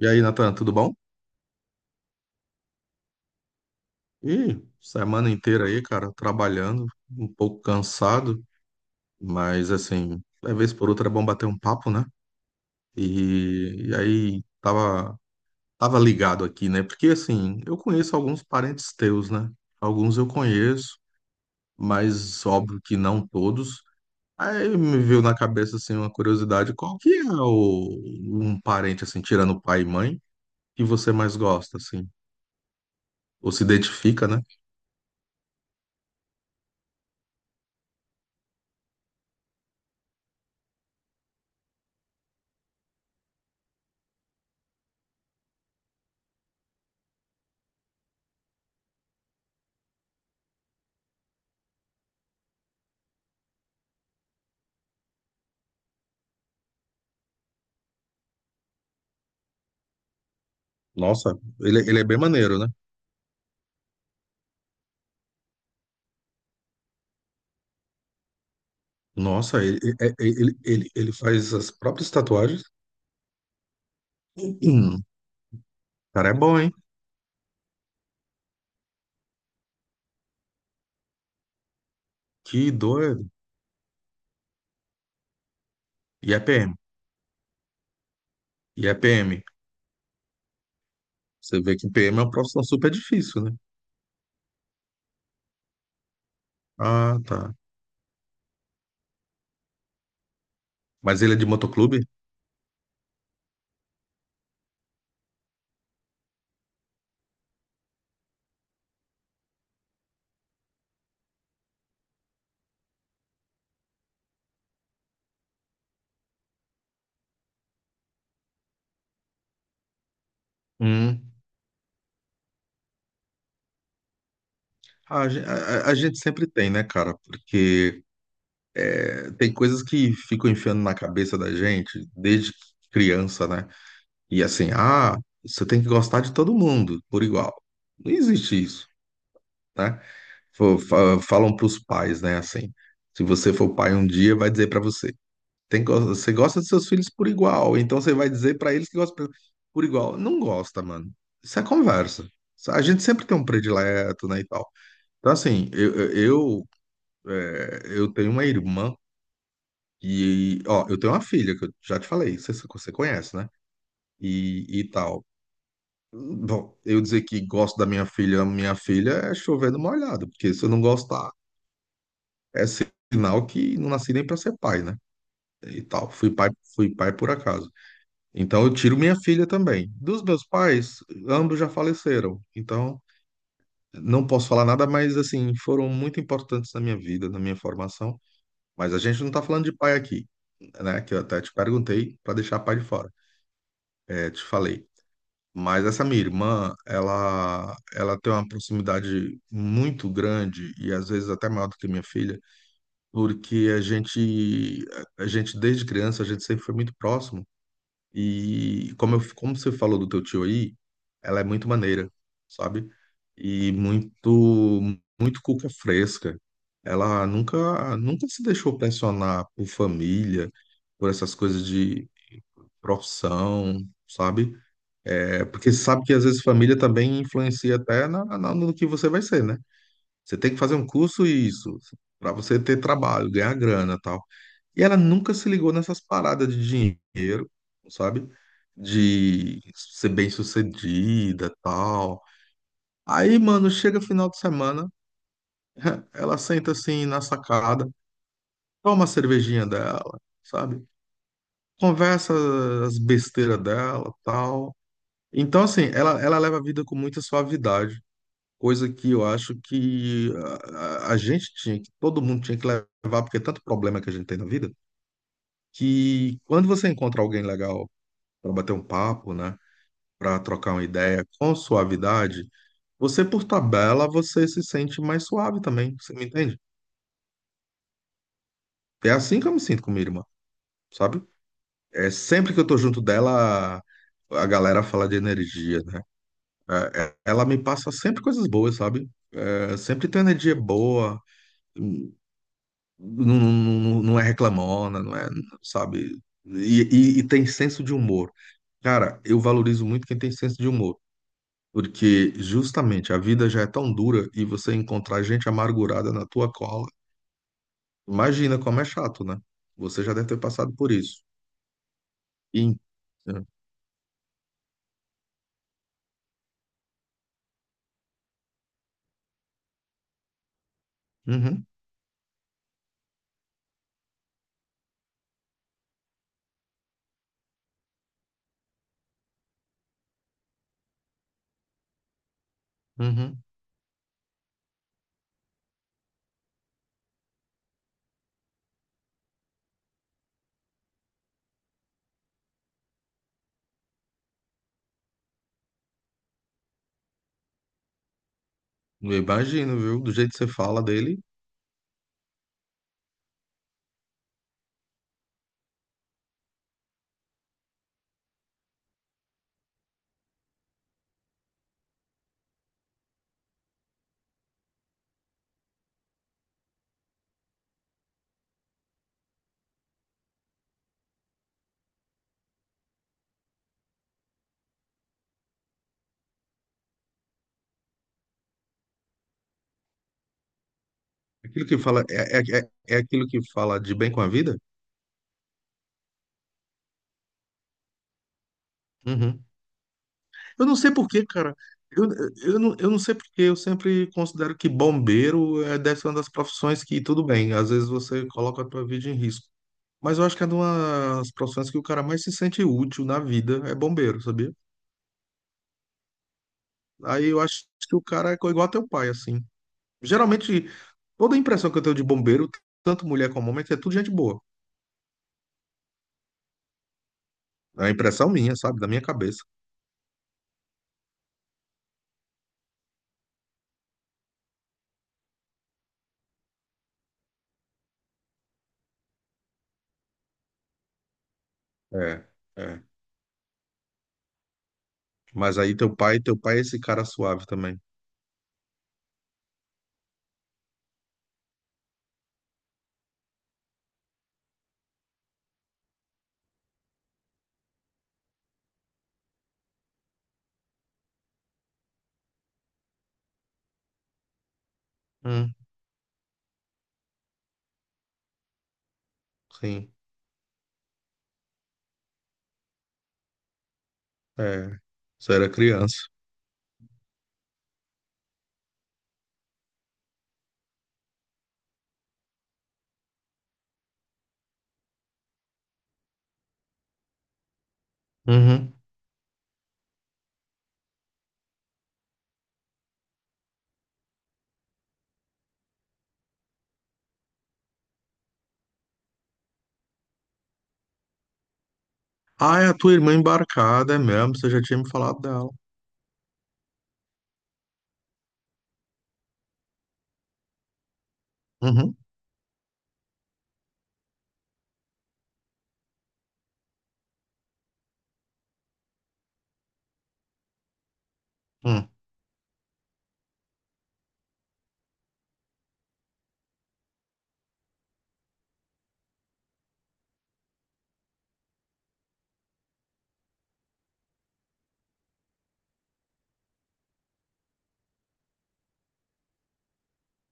E aí, Nathan, tudo bom? Ih, semana inteira aí, cara, trabalhando, um pouco cansado, mas assim, de vez por outra é bom bater um papo, né? E aí, tava ligado aqui, né? Porque assim, eu conheço alguns parentes teus, né? Alguns eu conheço, mas óbvio que não todos. Aí me veio na cabeça, assim, uma curiosidade, qual que é o, um parente, assim, tirando pai e mãe, que você mais gosta, assim? Ou se identifica, né? Nossa, ele é bem maneiro, né? Nossa, ele, é- é- ele faz as próprias tatuagens. O cara é bom, hein? Que doido. E é PM. E é PM. Você vê que PM é uma profissão super difícil, né? Ah, tá. Mas ele é de motoclube? Hum. Ah, a gente sempre tem, né, cara? Porque é, tem coisas que ficam enfiando na cabeça da gente desde criança, né? E assim, ah, você tem que gostar de todo mundo por igual. Não existe isso, né? Falam para os pais, né? Assim, se você for pai um dia, vai dizer para você, você gosta dos seus filhos por igual, então você vai dizer para eles que gosta por igual. Não gosta, mano. Isso é conversa. A gente sempre tem um predileto, né, e tal. Então, assim, eu tenho uma irmã e, ó, eu tenho uma filha, que eu já te falei, você conhece, né? E tal. Bom, eu dizer que gosto da minha filha é chover no molhado, porque se eu não gostar, é sinal que não nasci nem para ser pai, né? E tal. Fui pai por acaso. Então eu tiro minha filha também. Dos meus pais, ambos já faleceram. Então não posso falar nada, mas assim, foram muito importantes na minha vida, na minha formação. Mas a gente não tá falando de pai aqui, né? Que eu até te perguntei para deixar pai de fora. É, te falei. Mas essa minha irmã, ela tem uma proximidade muito grande e às vezes até maior do que minha filha porque a gente desde criança, a gente sempre foi muito próximo. E como, eu, como você falou do teu tio aí, ela é muito maneira, sabe? E muito, muito cuca fresca. Ela nunca, nunca se deixou pressionar por família, por essas coisas de profissão, sabe? É, porque sabe que às vezes família também influencia até no que você vai ser, né? Você tem que fazer um curso e isso, para você ter trabalho, ganhar grana, tal. E ela nunca se ligou nessas paradas de dinheiro, sabe? De ser bem-sucedida, tal. Aí, mano, chega final de semana, ela senta assim na sacada, toma a cervejinha dela, sabe? Conversa as besteiras dela, tal. Então, assim, ela leva a vida com muita suavidade. Coisa que eu acho que a gente tinha, que todo mundo tinha que levar, porque é tanto problema que a gente tem na vida, que quando você encontra alguém legal para bater um papo, né, para trocar uma ideia com suavidade, você se sente mais suave também, você me entende? É assim que eu me sinto com minha irmã, sabe? É sempre que eu tô junto dela, a galera fala de energia, né? Ela me passa sempre coisas boas, sabe? É, sempre tem energia boa. Hum, não é reclamona, não é, sabe? E, e tem senso de humor. Cara, eu valorizo muito quem tem senso de humor, porque justamente a vida já é tão dura e você encontrar gente amargurada na tua cola, imagina como é chato, né? Você já deve ter passado por isso. E, é. Uhum, uhum. Eu imagino, viu? Do jeito que você fala dele, aquilo que fala é, é aquilo que fala de bem com a vida? Uhum. Eu não sei por quê, cara. Eu, não, eu não sei por quê. Eu sempre considero que bombeiro é, deve ser uma das profissões que tudo bem. Às vezes você coloca a tua vida em risco. Mas eu acho que é uma das profissões que o cara mais se sente útil na vida é bombeiro, sabia? Aí eu acho que o cara é igual a teu pai, assim. Geralmente, toda a impressão que eu tenho de bombeiro, tanto mulher como homem, é que é tudo gente boa. É a impressão minha, sabe? Da minha cabeça. É, é. Mas aí teu pai é esse cara suave também. Hum, sim. É. Você era criança. Uhum. Ah, é a tua irmã embarcada, é mesmo? Você já tinha me falado dela. Uhum. Hum.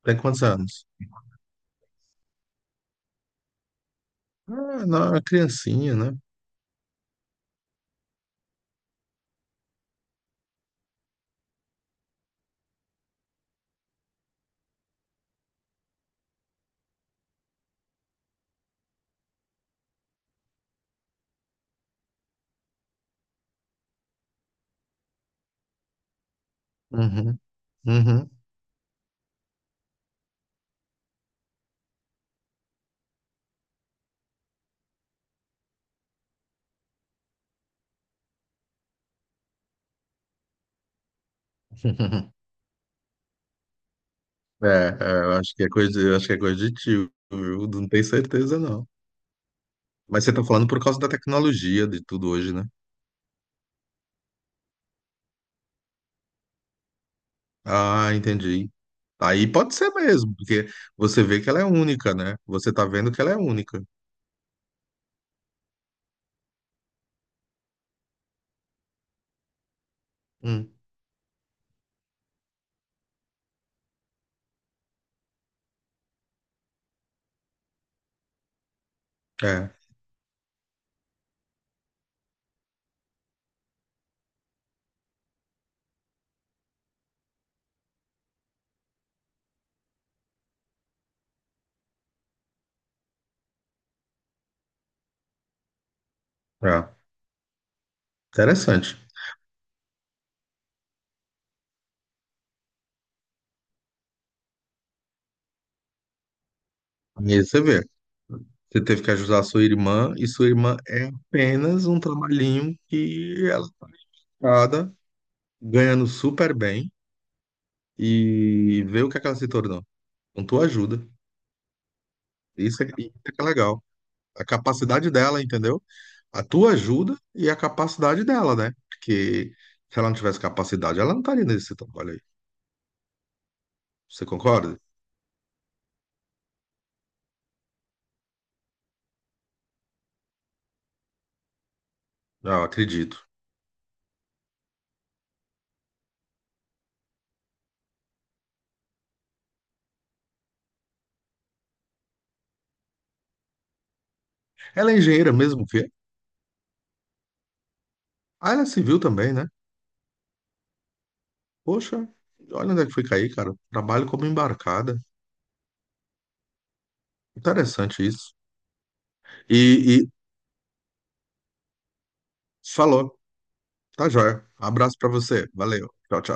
Tem quantos anos? Ah, não, era criancinha, né? Uhum. Uhum. É, eu acho que é coisa de tio, viu? Não tenho certeza, não. Mas você tá falando por causa da tecnologia de tudo hoje, né? Ah, entendi. Aí pode ser mesmo, porque você vê que ela é única, né? Você tá vendo que ela é única. Hum. É, é. Interessante. E aí você vê. Você teve que ajudar sua irmã, e sua irmã é apenas um trabalhinho que ela tá ligada, ganhando super bem, e vê o que é que ela se tornou. Com tua ajuda. Isso é que é legal. A capacidade dela, entendeu? A tua ajuda e a capacidade dela, né? Porque se ela não tivesse capacidade, ela não estaria nesse trabalho aí. Você concorda? Ah, eu acredito. Ela é engenheira mesmo, filha. Ah, ela é civil também, né? Poxa, olha onde é que foi cair, cara. Trabalho como embarcada. Interessante isso. E falou. Tá joia. Abraço pra você. Valeu. Tchau, tchau.